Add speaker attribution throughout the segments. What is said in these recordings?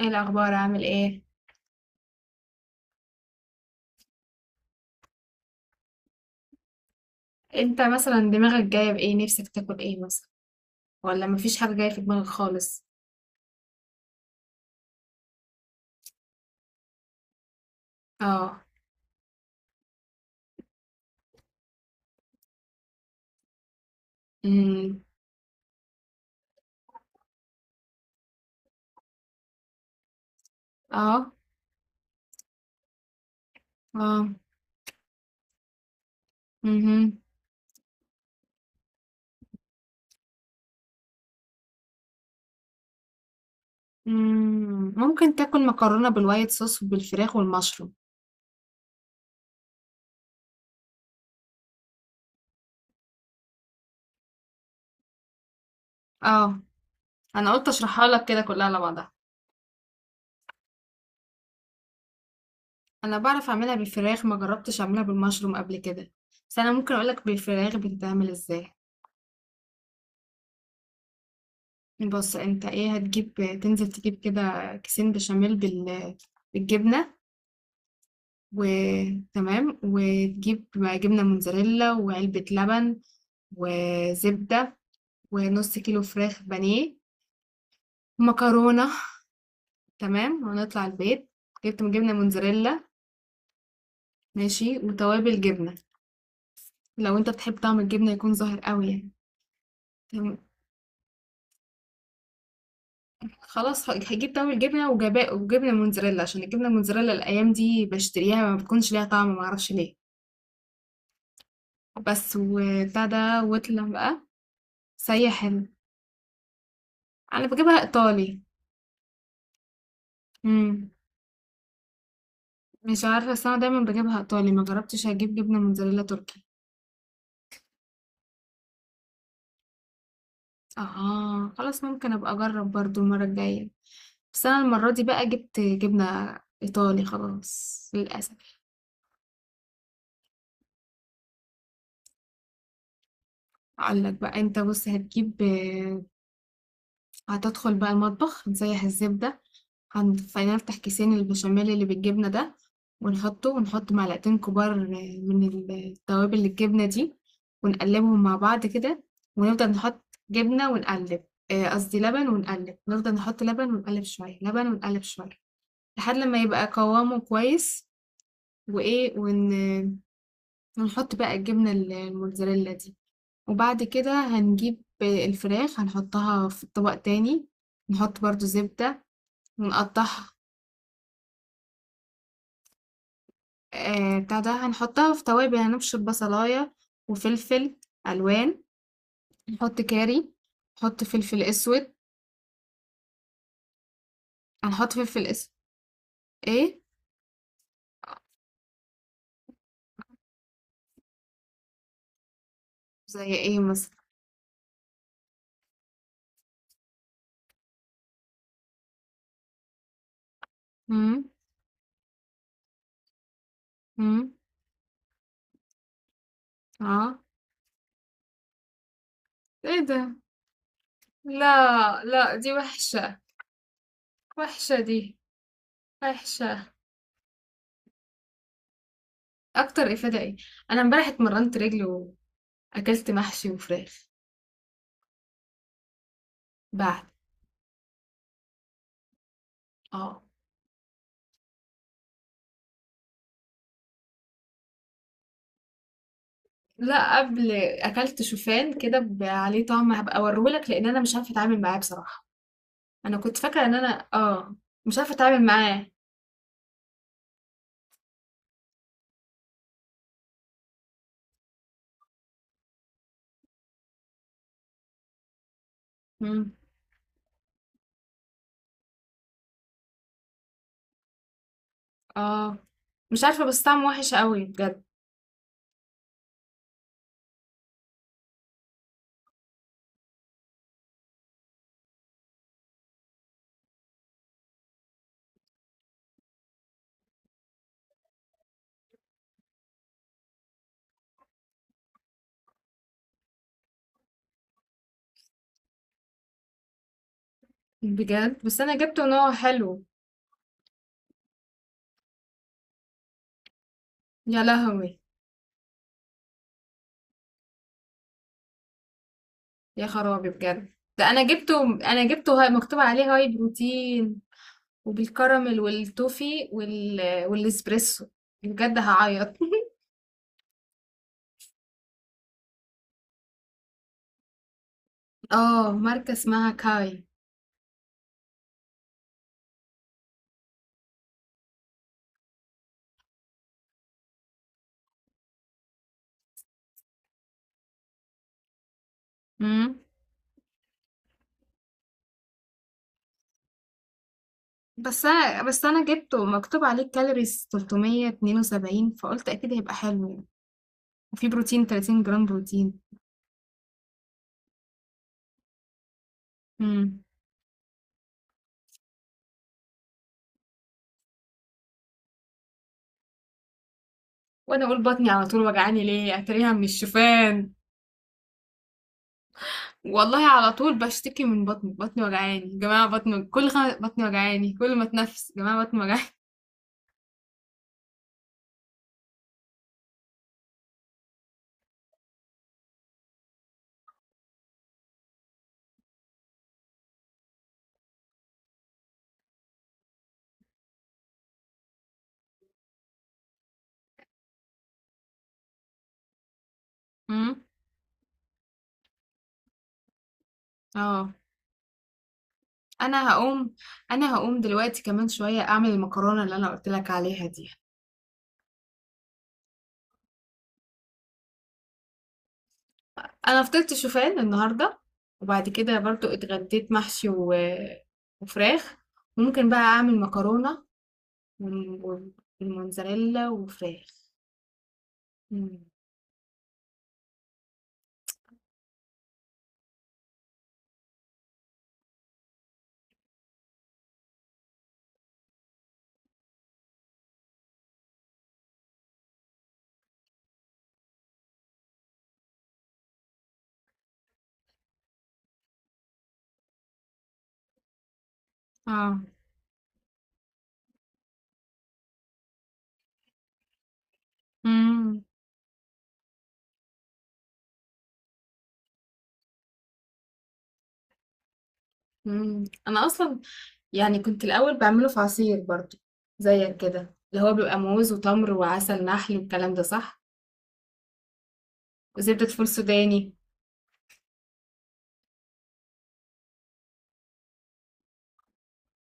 Speaker 1: ايه الاخبار؟ عامل ايه؟ انت مثلا دماغك جايه بايه؟ نفسك تاكل ايه مثلا؟ ولا مفيش حاجه جايه في دماغك خالص؟ اه. امم. اه. اه. امم. ممكن تاكل مكرونه بالوايت صوص وبالفراخ والمشروم. اه. انا قلت اشرحها لك كده كلها على بعضها. انا بعرف اعملها بالفراخ، ما جربتش اعملها بالمشروم قبل كده، بس انا ممكن اقول لك بالفراخ بتتعمل ازاي. بص انت ايه هتجيب. تنزل تجيب كده كيسين بشاميل بالجبنه، وتمام، وتجيب جبنة موتزاريلا وعلبة لبن وزبدة ونص كيلو فراخ بانيه، مكرونة. تمام، ونطلع البيت. جبت جبنة موتزاريلا، ماشي، وتوابل جبنة لو انت بتحب طعم الجبنة يكون ظاهر قوي يعني. تمام. خلاص هجيب طعم الجبنة وجبنة موتزاريلا، عشان الجبنة موتزاريلا الأيام دي بشتريها ما بتكونش ليها طعم، معرفش ليه، بس وبتاع ده. واطلع بقى، سيح أنا بجيبها إيطالي. مم. مش عارفة، بس أنا دايما بجيبها إيطالي، ما جربتش أجيب جبنة موتزاريلا تركي. اه خلاص، ممكن أبقى أجرب برضو المرة الجاية، بس أنا المرة دي بقى جبت جبنة إيطالي خلاص للأسف. أقولك بقى. أنت بص هتجيب، هتدخل بقى المطبخ تسيح الزبدة، هنخلينا نفتح كيسين البشاميل اللي بالجبنة ده ونحطه، ونحط معلقتين كبار من التوابل الجبنة دي، ونقلبهم مع بعض كده، ونفضل نحط جبنة ونقلب. قصدي لبن، ونقلب، نفضل نحط لبن ونقلب شوية، لبن ونقلب شوية، لحد لما يبقى قوامه كويس، وإيه ونحط بقى الجبنة الموتزاريلا دي. وبعد كده هنجيب الفراخ، هنحطها في طبق تاني، نحط برضو زبدة ونقطعها. بتاع ده هنحطها في توابل، هنبشر بصلاية وفلفل ألوان، نحط كاري، نحط فلفل أسود، هنحط فلفل أسود. إيه؟ زي إيه مثلًا؟ إمم. إمم. آه. إيه ده؟ لأ، لأ، دي وحشة، وحشة دي، وحشة. أكتر إفادة إيه؟ أنا امبارح اتمرّنت رِجل وأكلت محشي وفراخ. بعد. آه. لأ، قبل. أكلت شوفان كده ب عليه طعم، هابقى أوريه لك، لإن أنا مش عارفة أتعامل معاه بصراحة. انا كنت فاكره ان انا مش عارفه اتعامل معاه. مم. اه. مش عارفه، بس طعمه وحش قوي بجد. بجد، بس انا جبته ان هو حلو. يا لهوي. يا خرابي، بجد، ده انا جبته هاي، مكتوب عليه هاي بروتين، وبالكراميل والتوفي والاسبريسو. بجد هعيط اه، ماركه اسمها كاي. مم. بس انا جبته مكتوب عليه كالوريز 372، فقلت اكيد هيبقى حلو يعني، وفي بروتين، 30 جرام بروتين. وانا اقول بطني على طول وجعاني ليه، اتريها من الشوفان. والله على طول بشتكي من بطني، بطني وجعاني يا جماعه، بطني بطني وجعاني، كل ما اتنفس يا جماعه بطني وجعاني. أمم. اه. انا هقوم انا هقوم دلوقتي كمان شويه اعمل المكرونه اللي انا قلت لك عليها دي. انا فطرت شوفان النهارده، وبعد كده برضو اتغديت محشي وفراخ، وممكن بقى اعمل مكرونه وم- والموتزاريلا وفراخ. أمم. اه. أمم. مم. انا اصلا يعني كنت الأول بعمله في عصير برضو زيك كده، اللي هو بيبقى موز وتمر وعسل نحل والكلام ده، صح، وزبدة فول سوداني.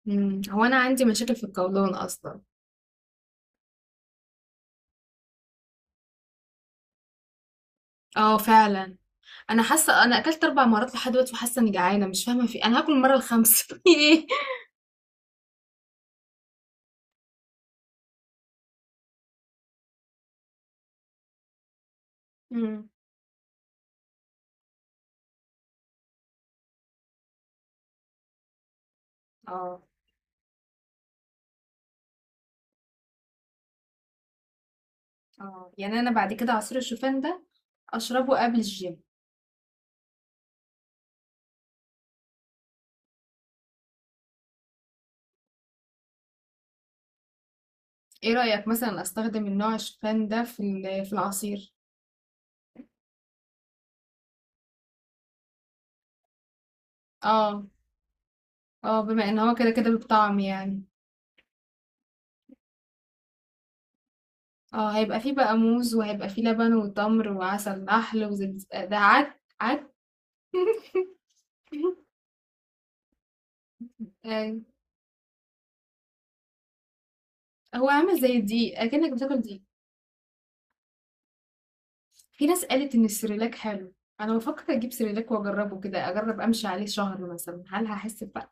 Speaker 1: مم. هو أنا عندي مشاكل في القولون أصلا. اه فعلا. أنا حاسة أنا أكلت 4 مرات لحد دلوقتي، وحاسة إني جعانة، مش فاهمة في إيه. أنا هاكل المرة الخامسة في إيه. مم. اه. اه. يعني أنا بعد كده عصير الشوفان ده أشربه قبل الجيم. إيه رأيك مثلا أستخدم النوع الشوفان ده في في العصير؟ اه. اه، بما إن هو كده كده بالطعم يعني. اه، هيبقى فيه بقى موز، وهيبقى فيه لبن وتمر وعسل نحل وزبز، ده عك عك. آه، هو عامل زي الدقيق، اكنك بتاكل دقيق. في ناس قالت ان السريلاك حلو، انا بفكر اجيب سريلاك واجربه كده، اجرب امشي عليه شهر مثلا، هل هحس بفرق.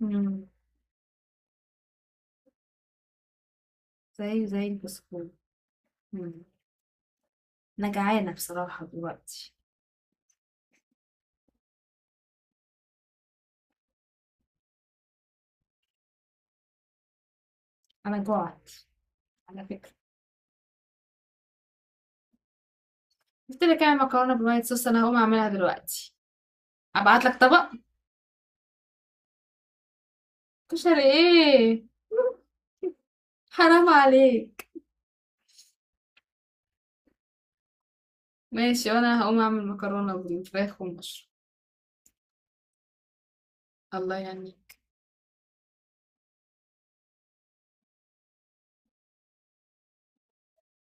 Speaker 1: مم. زي البسكوت. مم. انا جعانه بصراحه دلوقتي. انا جوعت على فكره. قلت لك اعمل مكرونه بالوايت صوص، انا هقوم اعملها دلوقتي، ابعت لك طبق. كشري ايه؟ حرام عليك. ماشي، وانا هقوم اعمل مكرونة بالفراخ والمشروم. الله يعني.